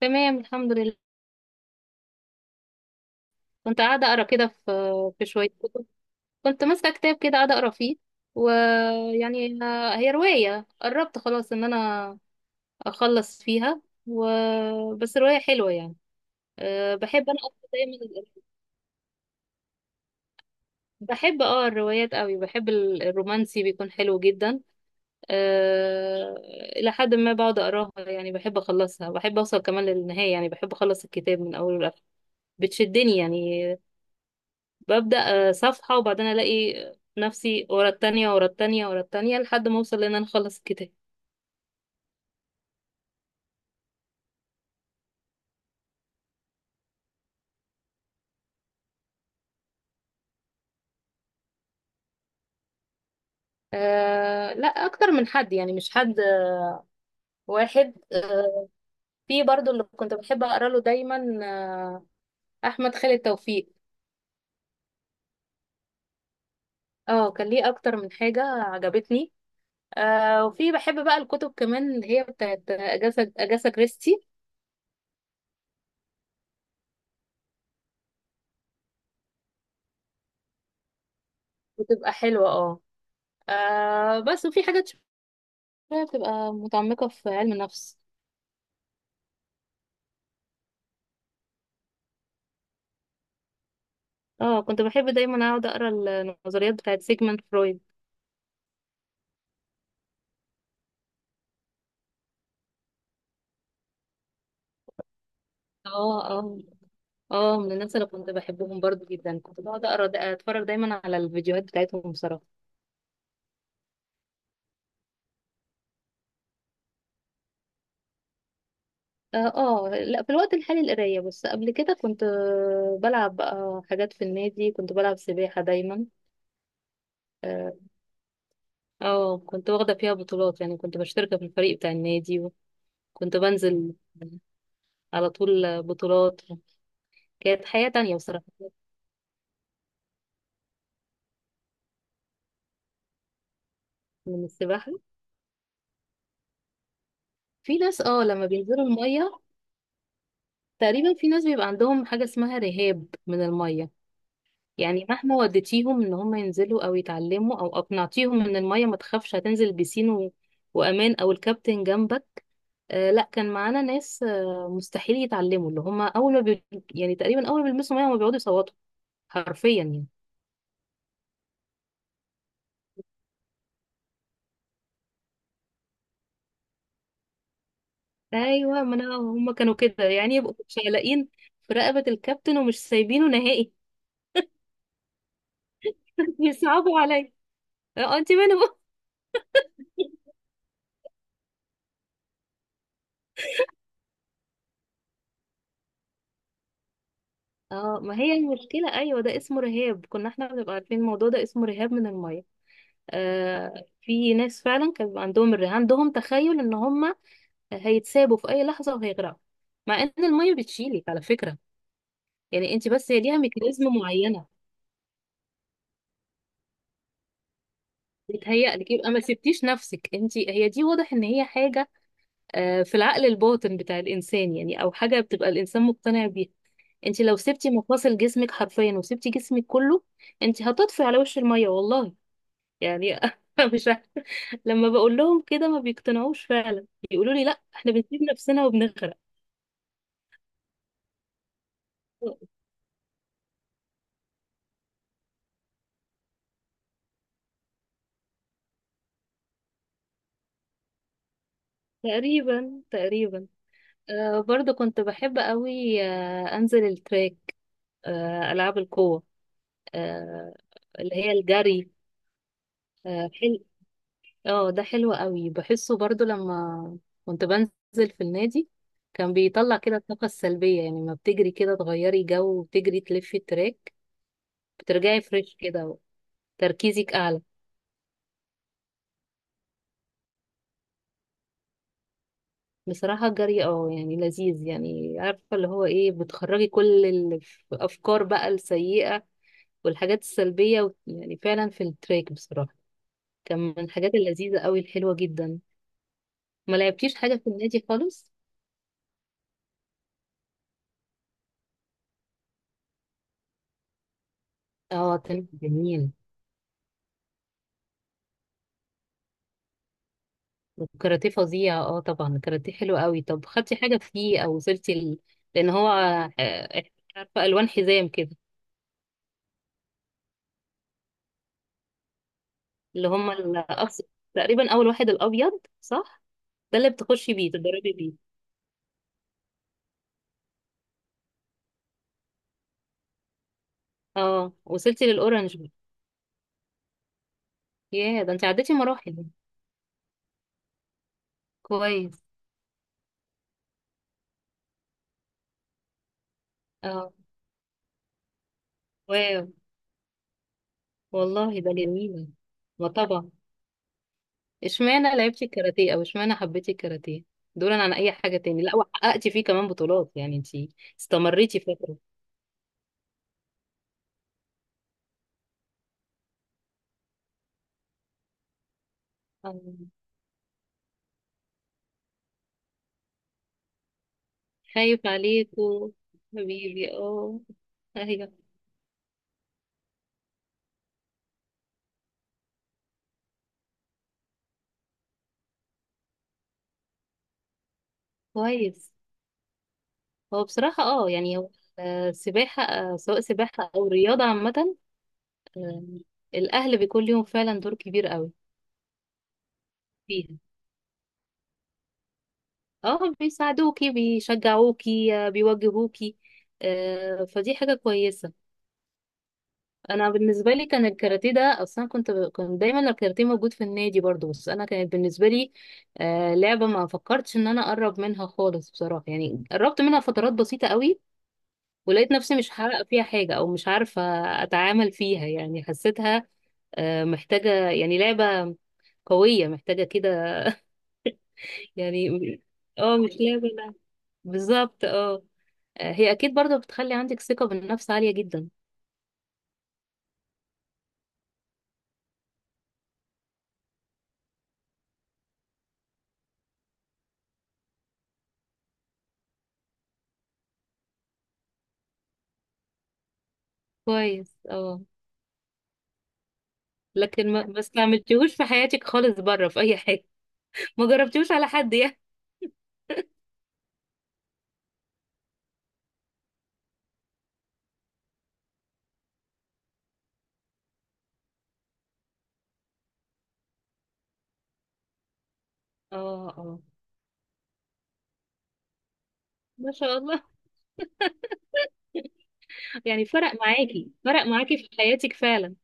تمام، الحمد لله. كنت قاعدة أقرأ كده في شوية كتب. كنت ماسكة كتاب كده قاعدة أقرأ فيه ويعني هي رواية قربت خلاص إن أنا أخلص فيها و... بس رواية حلوة يعني. أه، بحب أنا أكتر دايما، بحب الروايات قوي. بحب الرومانسي، بيكون حلو جدا. أه، إلى حد ما بقعد أقراها، يعني بحب أخلصها، بحب أوصل كمان للنهاية، يعني بحب أخلص الكتاب من أوله لآخره. بتشدني يعني. ببدأ صفحة وبعدين ألاقي نفسي ورا التانية ورا التانية ورا التانية لحد ما أوصل لأن أنا أخلص الكتاب. أه، لا أكتر من حد، يعني مش حد واحد. في برضو اللي كنت بحب أقرأ له دايما، آه، أحمد خالد توفيق. اه، كان ليه أكتر من حاجة عجبتني. أه، وفي بحب بقى الكتب كمان اللي هي بتاعت أجاسا كريستي. بتبقى حلوة، اه. بس وفي حاجات شوية بتبقى متعمقة في علم النفس. اه، كنت بحب دايما اقعد اقرا النظريات بتاعت سيجموند فرويد. اه، اه، اه، من الناس اللي كنت بحبهم برضو جدا، كنت بقعد اقرا دا اتفرج دايما على الفيديوهات بتاعتهم بصراحه. اه. لا، في الوقت الحالي القرايه بس، قبل كده كنت بلعب بقى حاجات في النادي، كنت بلعب سباحه دايما. اه. كنت واخده فيها بطولات، يعني كنت مشتركه في الفريق بتاع النادي، وكنت بنزل على طول بطولات. كانت حياه تانية بصراحه من السباحه. في ناس لما بينزلوا الميه تقريبا، في ناس بيبقى عندهم حاجة اسمها رهاب من المية. يعني مهما وديتيهم ان هم ينزلوا او يتعلموا او اقنعتيهم ان المية ما تخافش، هتنزل بيسين وامان او الكابتن جنبك. لا، كان معانا ناس مستحيل يتعلموا، اللي هم اول ما يعني تقريبا اول ما بيلمسوا مية هم بيقعدوا يصوتوا حرفيا يعني. ايوه، ما انا هم كانوا كده، يعني يبقوا شايلين في رقبة الكابتن ومش سايبينه نهائي. يصعبوا عليا. اه، انت منهم. اه، ما هي المشكلة، ايوه، ده اسمه رهاب، كنا احنا بنبقى عارفين الموضوع ده اسمه رهاب من المية. في ناس فعلا كان بيبقى عندهم الرهاب، عندهم تخيل ان هم هيتسابوا في اي لحظة وهيغرقوا. مع ان المية بتشيلك على فكرة، يعني انت بس هي ليها ميكانيزم معينة. بتهيألك، يبقى ما سبتيش نفسك، انت هي دي واضح ان هي حاجة في العقل الباطن بتاع الانسان، يعني او حاجة بتبقى الانسان مقتنع بيها. انت لو سبتي مفاصل جسمك حرفيا وسبتي جسمك كله، انت هتطفي على وش المية والله يعني. مش عارفة. لما بقول لهم كده ما بيقتنعوش فعلا، يقولوا لي لا، احنا بنسيب نفسنا وبنغرق. تقريبا تقريبا. برضو كنت بحب قوي انزل التراك، العاب القوة، آه اللي هي الجري آه حل... اه، ده حلو قوي، بحسه برضو لما كنت بنزل في النادي، كان بيطلع كده الطاقة السلبية، يعني ما بتجري كده تغيري جو وتجري تلفي التراك، بترجعي فريش كده، تركيزك اعلى. بصراحة الجري، اه، يعني لذيذ، يعني عارفة اللي هو ايه، بتخرجي كل الأفكار بقى السيئة والحاجات السلبية يعني فعلا في التراك بصراحة، كان من الحاجات اللذيذة قوي الحلوة جدا. ما لعبتيش حاجة في النادي خالص؟ اه، كان جميل. الكاراتيه فظيع، اه طبعا الكاراتيه حلو قوي، طب خدتي حاجة فيه أو وصلتي لأن هو آه، عارفة ألوان حزام كده، اللي هما الأبس... تقريبا أول واحد الأبيض صح؟ ده اللي بتخشي بيه تتدربي بيه. اه، وصلتي للأورنج. ياه، ده انت عديتي مراحل. كويس. اه. واو. والله ده جميل. ما طبعا. اشمعنى لعبتي الكاراتيه او اشمعنى حبيتي الكاراتيه دولا عن اي حاجة تاني؟ لا، وحققتي فيه كمان بطولات، يعني انت استمريتي فترة. آه. خايف عليكو حبيبي، اه. ايوه، كويس. هو بصراحة، اه، يعني هو سباحة، سواء سباحة او رياضة عامة، آه، الاهل بيكون ليهم فعلا دور كبير قوي فيها. اه، بيساعدوكي بيشجعوكي، بيوجهوكي، فدي حاجة كويسة. أنا بالنسبة لي كان الكاراتيه ده أصلا، كنت كان دايما الكاراتيه موجود في النادي برضو، بس أنا كانت بالنسبة لي لعبة ما فكرتش إن أنا أقرب منها خالص بصراحة، يعني قربت منها فترات بسيطة قوي، ولقيت نفسي مش هحقق فيها حاجة أو مش عارفة أتعامل فيها، يعني حسيتها محتاجة، يعني لعبة قوية، محتاجة كده يعني. اه، مش لعبة، بالظبط اه. هي اكيد برضه بتخلي عندك ثقة بالنفس عالية جدا. كويس، اه. لكن ما استعملتيهوش في حياتك خالص بره في اي حاجة. ما جربتيهوش على حد يعني. اه، اه. ما شاء الله. يعني فرق معاكي، فرق معاكي في حياتك فعلا.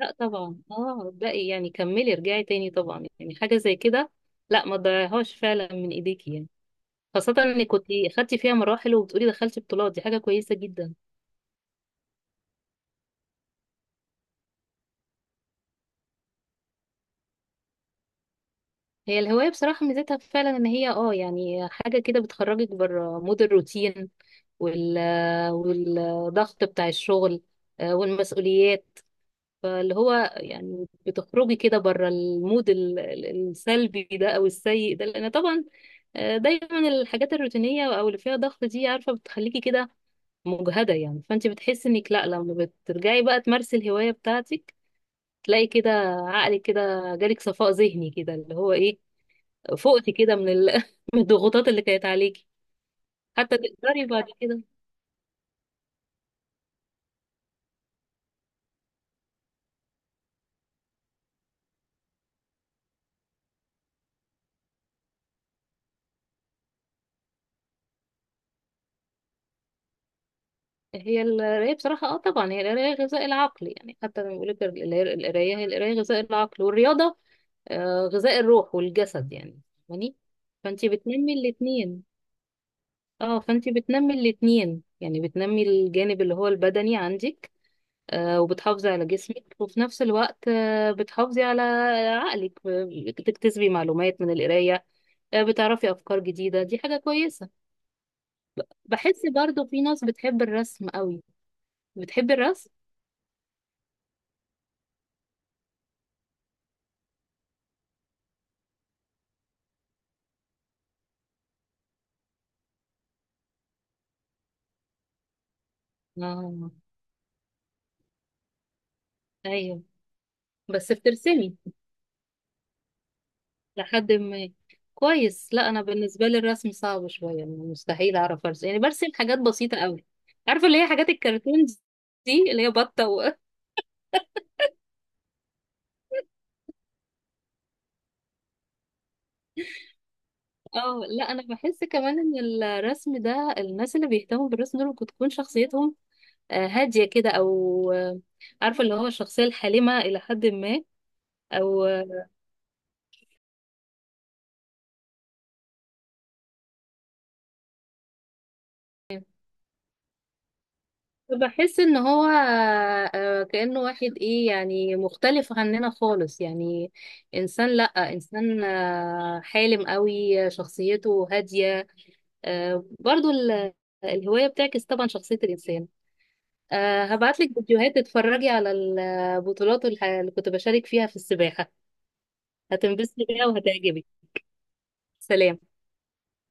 لا طبعا، اه، باقي، يعني كملي، ارجعي تاني طبعا، يعني حاجة زي كده لا ما تضيعيهاش فعلا من ايديكي يعني. خاصة انك كنت خدتي فيها مراحل وبتقولي دخلتي بطولات، دي حاجة كويسة جدا. هي الهواية بصراحة ميزتها فعلا ان هي، اه، يعني حاجة كده بتخرجك بره مود الروتين وال والضغط بتاع الشغل، والمسؤوليات. فاللي هو يعني بتخرجي كده بره المود السلبي ده او السيء ده، لان طبعا دايما الحاجات الروتينية او اللي فيها ضغط دي، عارفة، بتخليكي كده مجهدة، يعني فانت بتحسي انك لا، لما بترجعي بقى تمارسي الهواية بتاعتك، تلاقي كده عقلك كده جالك صفاء ذهني كده، اللي هو ايه، فقتي كده من من الضغوطات اللي كانت عليكي، حتى تقدري بعد كده. هي القراية بصراحة، اه طبعا هي القراية غذاء العقل، يعني حتى لما بيقول لك القراية هي القراية غذاء العقل، والرياضة غذاء الروح والجسد يعني. فاهماني؟ فانتي بتنمي الاتنين. اه، فانتي بتنمي الاتنين، يعني بتنمي الجانب اللي هو البدني عندك، وبتحافظي على جسمك، وفي نفس الوقت بتحافظي على عقلك، بتكتسبي معلومات من القراية، بتعرفي أفكار جديدة، دي حاجة كويسة. بحس برضو في ناس بتحب الرسم قوي، بتحب الرسم. اه، ايوه. بس بترسمي لحد ما. كويس. لا، انا بالنسبه لي الرسم صعب شويه، يعني مستحيل اعرف ارسم، يعني برسم حاجات بسيطه قوي، عارفه اللي هي حاجات الكرتون، دي اللي هي بطه اه، لا، انا بحس كمان ان الرسم ده، الناس اللي بيهتموا بالرسم دول ممكن تكون شخصيتهم هاديه كده، او عارفه اللي هو الشخصيه الحالمه الى حد ما، او بحس ان هو كأنه واحد ايه، يعني مختلف عننا خالص يعني، انسان، لا، انسان حالم قوي، شخصيته هادية. برضو الهواية بتعكس طبعا شخصية الانسان. هبعتلك فيديوهات تتفرجي على البطولات اللي كنت بشارك فيها في السباحة، هتنبسطي بيها وهتعجبك. سلام.